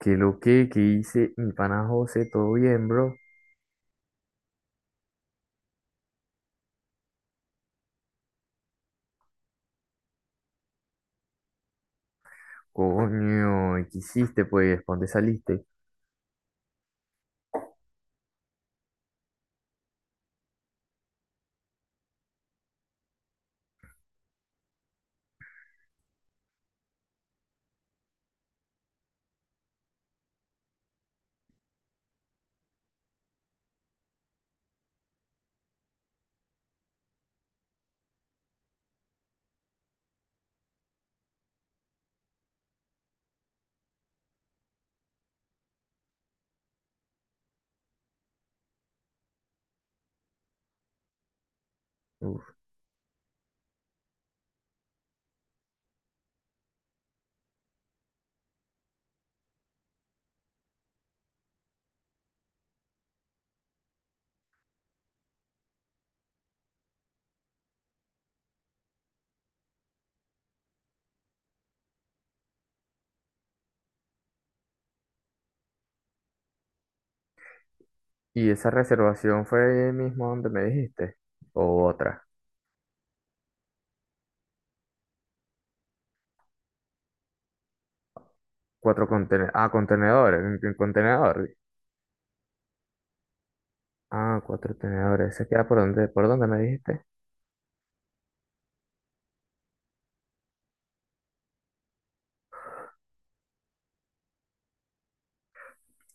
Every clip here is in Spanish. ¿Qué lo que hice mi pana José? ¿Todo bien, bro? Coño, ¿Qué hiciste, pues? ¿Pa' ¿Dónde saliste? Uf. ¿Y esa reservación fue mismo donde me dijiste? ¿O otra? Cuatro contenedores. Ah, contenedores. En contenedor. Ah, cuatro contenedores. ¿Se queda por donde me dijiste?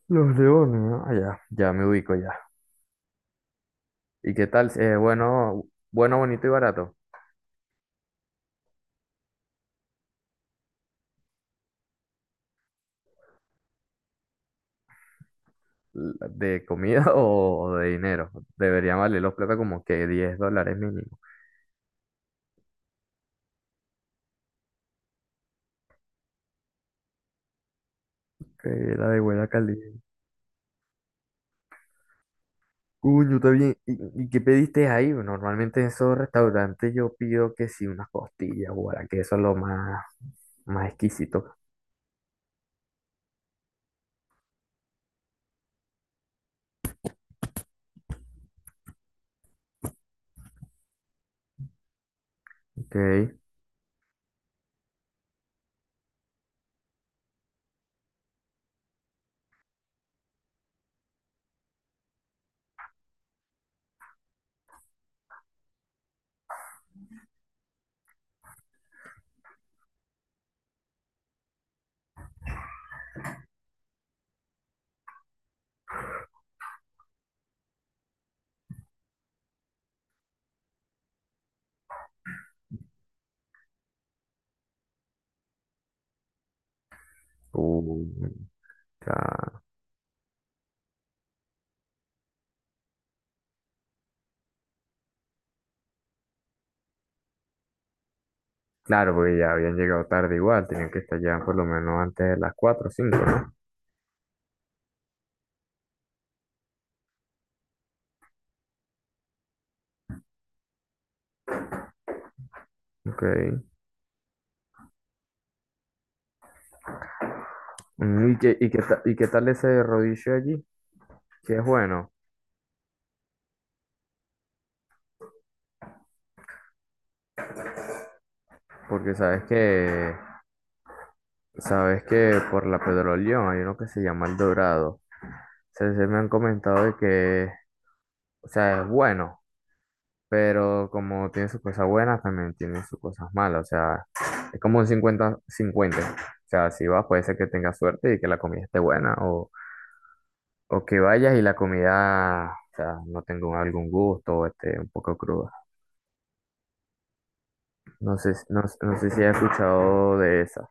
Los Leones, ¿no? Ah, ya, ya me ubico ya. ¿Y qué tal? Bueno, bueno, bonito y barato. ¿De comida o de dinero? Deberían valer los platos como que $10 mínimo. Que la de buena calidad. Coño, está bien. ¿Y qué pediste ahí? Normalmente en esos restaurantes yo pido que sí, unas costillas, guara, que eso es lo más exquisito. Ok. Coño, ya. Claro, porque ya habían llegado tarde igual, tenían que estar ya por lo menos antes de las 4 o cinco, ¿no? Ok. ¿Y qué tal ese rodillo allí? Que es bueno, porque sabes que por la Pedro León hay uno que se llama El Dorado. Se me han comentado de que, o sea, es bueno, pero como tiene sus cosas buenas, también tiene sus cosas malas. O sea, es como un 50-50. O sea, si vas, puede ser que tengas suerte y que la comida esté buena, o que vayas y la comida, o sea, no tenga algún gusto o esté un poco cruda. No sé, no, no sé si has escuchado de esa.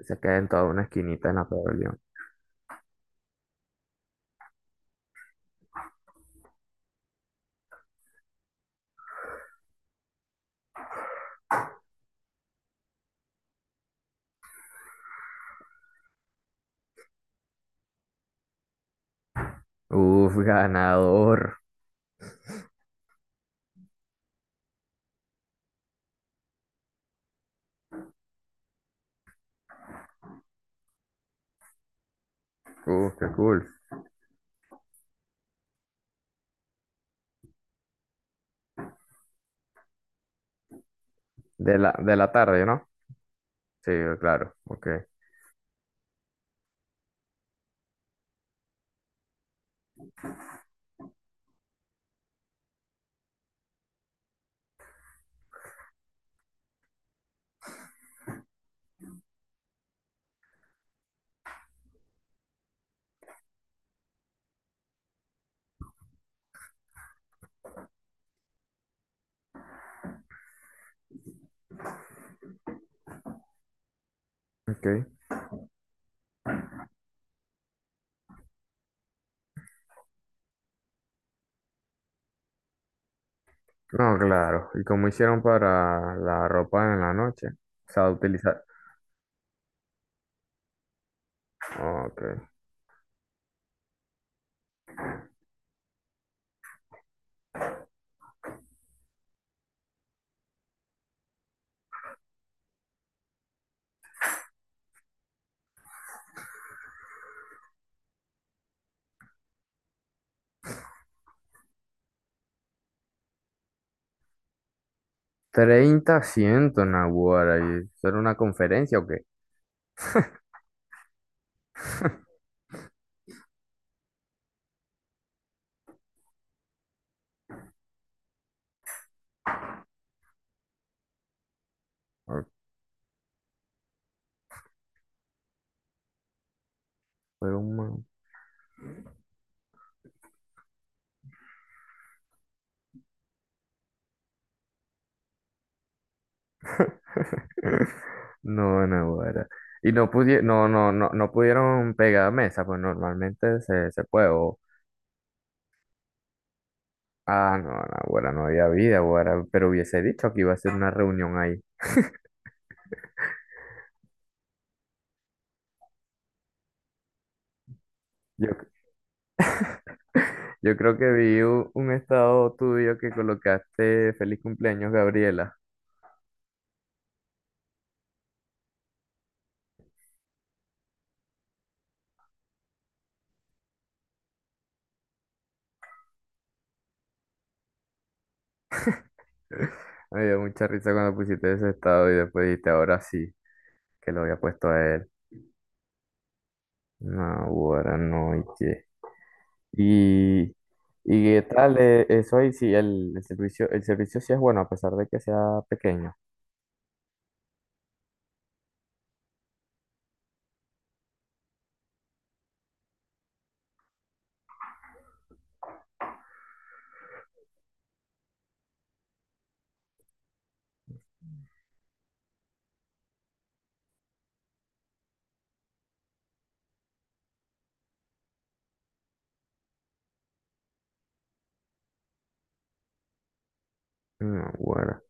Se queda en toda una esquinita en la Pedro León. Uf, ganador. Qué cool. De la tarde, ¿no? Sí, claro. Ok, ok. No, claro. ¿Y cómo hicieron para la ropa en la noche? O sea, utilizar. Ok. 30 asientos, Nahuara. ¿Y eso era una conferencia o qué? Ok. Fue un. No, Nahuara. Y no pudieron pegar mesa, pues normalmente se puede, o. Ah, no, no, ahora no había vida, ahora, pero hubiese dicho que iba a ser una reunión ahí. Yo, yo creo que vi un estado tuyo que colocaste feliz cumpleaños, Gabriela. Me dio mucha risa cuando pusiste ese estado y después dijiste ahora sí, que lo había puesto a él. No, ahora no, y qué. Y, y qué tal eso ahí, sí, el servicio sí es bueno, a pesar de que sea pequeño. No, bueno.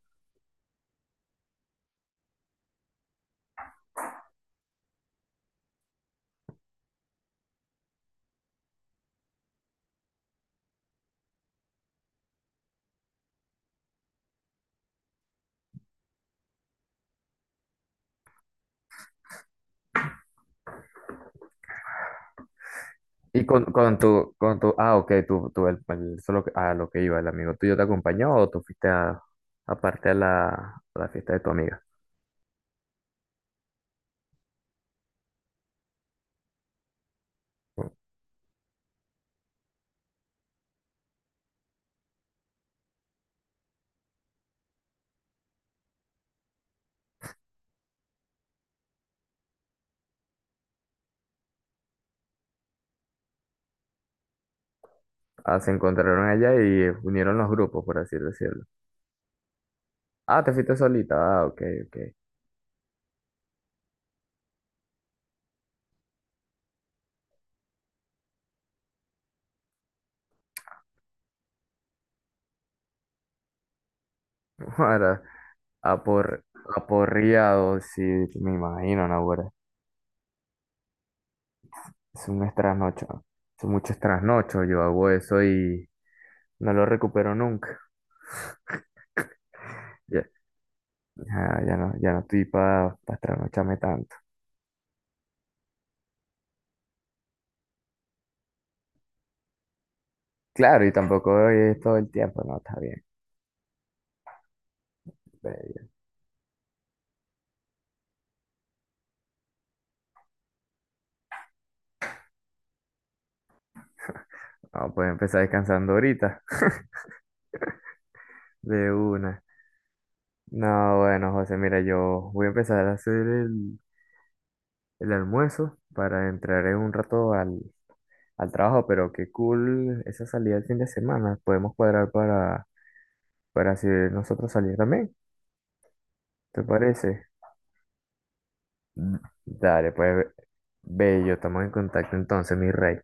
Y con tu, ah, ok, tú, a lo que iba, el amigo tuyo te acompañó o tú fuiste a, aparte a la fiesta de tu amiga. Ah, se encontraron allá y unieron los grupos, por así decirlo. Ah, te fuiste solita, ah, ok, ok. Ahora, apor, aporreado, sí, me imagino, Nahuara. Es un trasnocho. Es mucho trasnocho. Yo hago eso y no lo recupero nunca. Ya, ya, ya no estoy para trasnocharme tanto. Claro, y tampoco es todo el tiempo. No, está bien. Pero No, puedes empezar descansando ahorita. De una. No, bueno, José, mira, yo voy a empezar a hacer el almuerzo para entrar en un rato al trabajo, pero qué cool esa salida el fin de semana. Podemos cuadrar para si nosotros salir también. ¿Te parece? Mm, dale, pues, bello, estamos en contacto entonces, mi rey.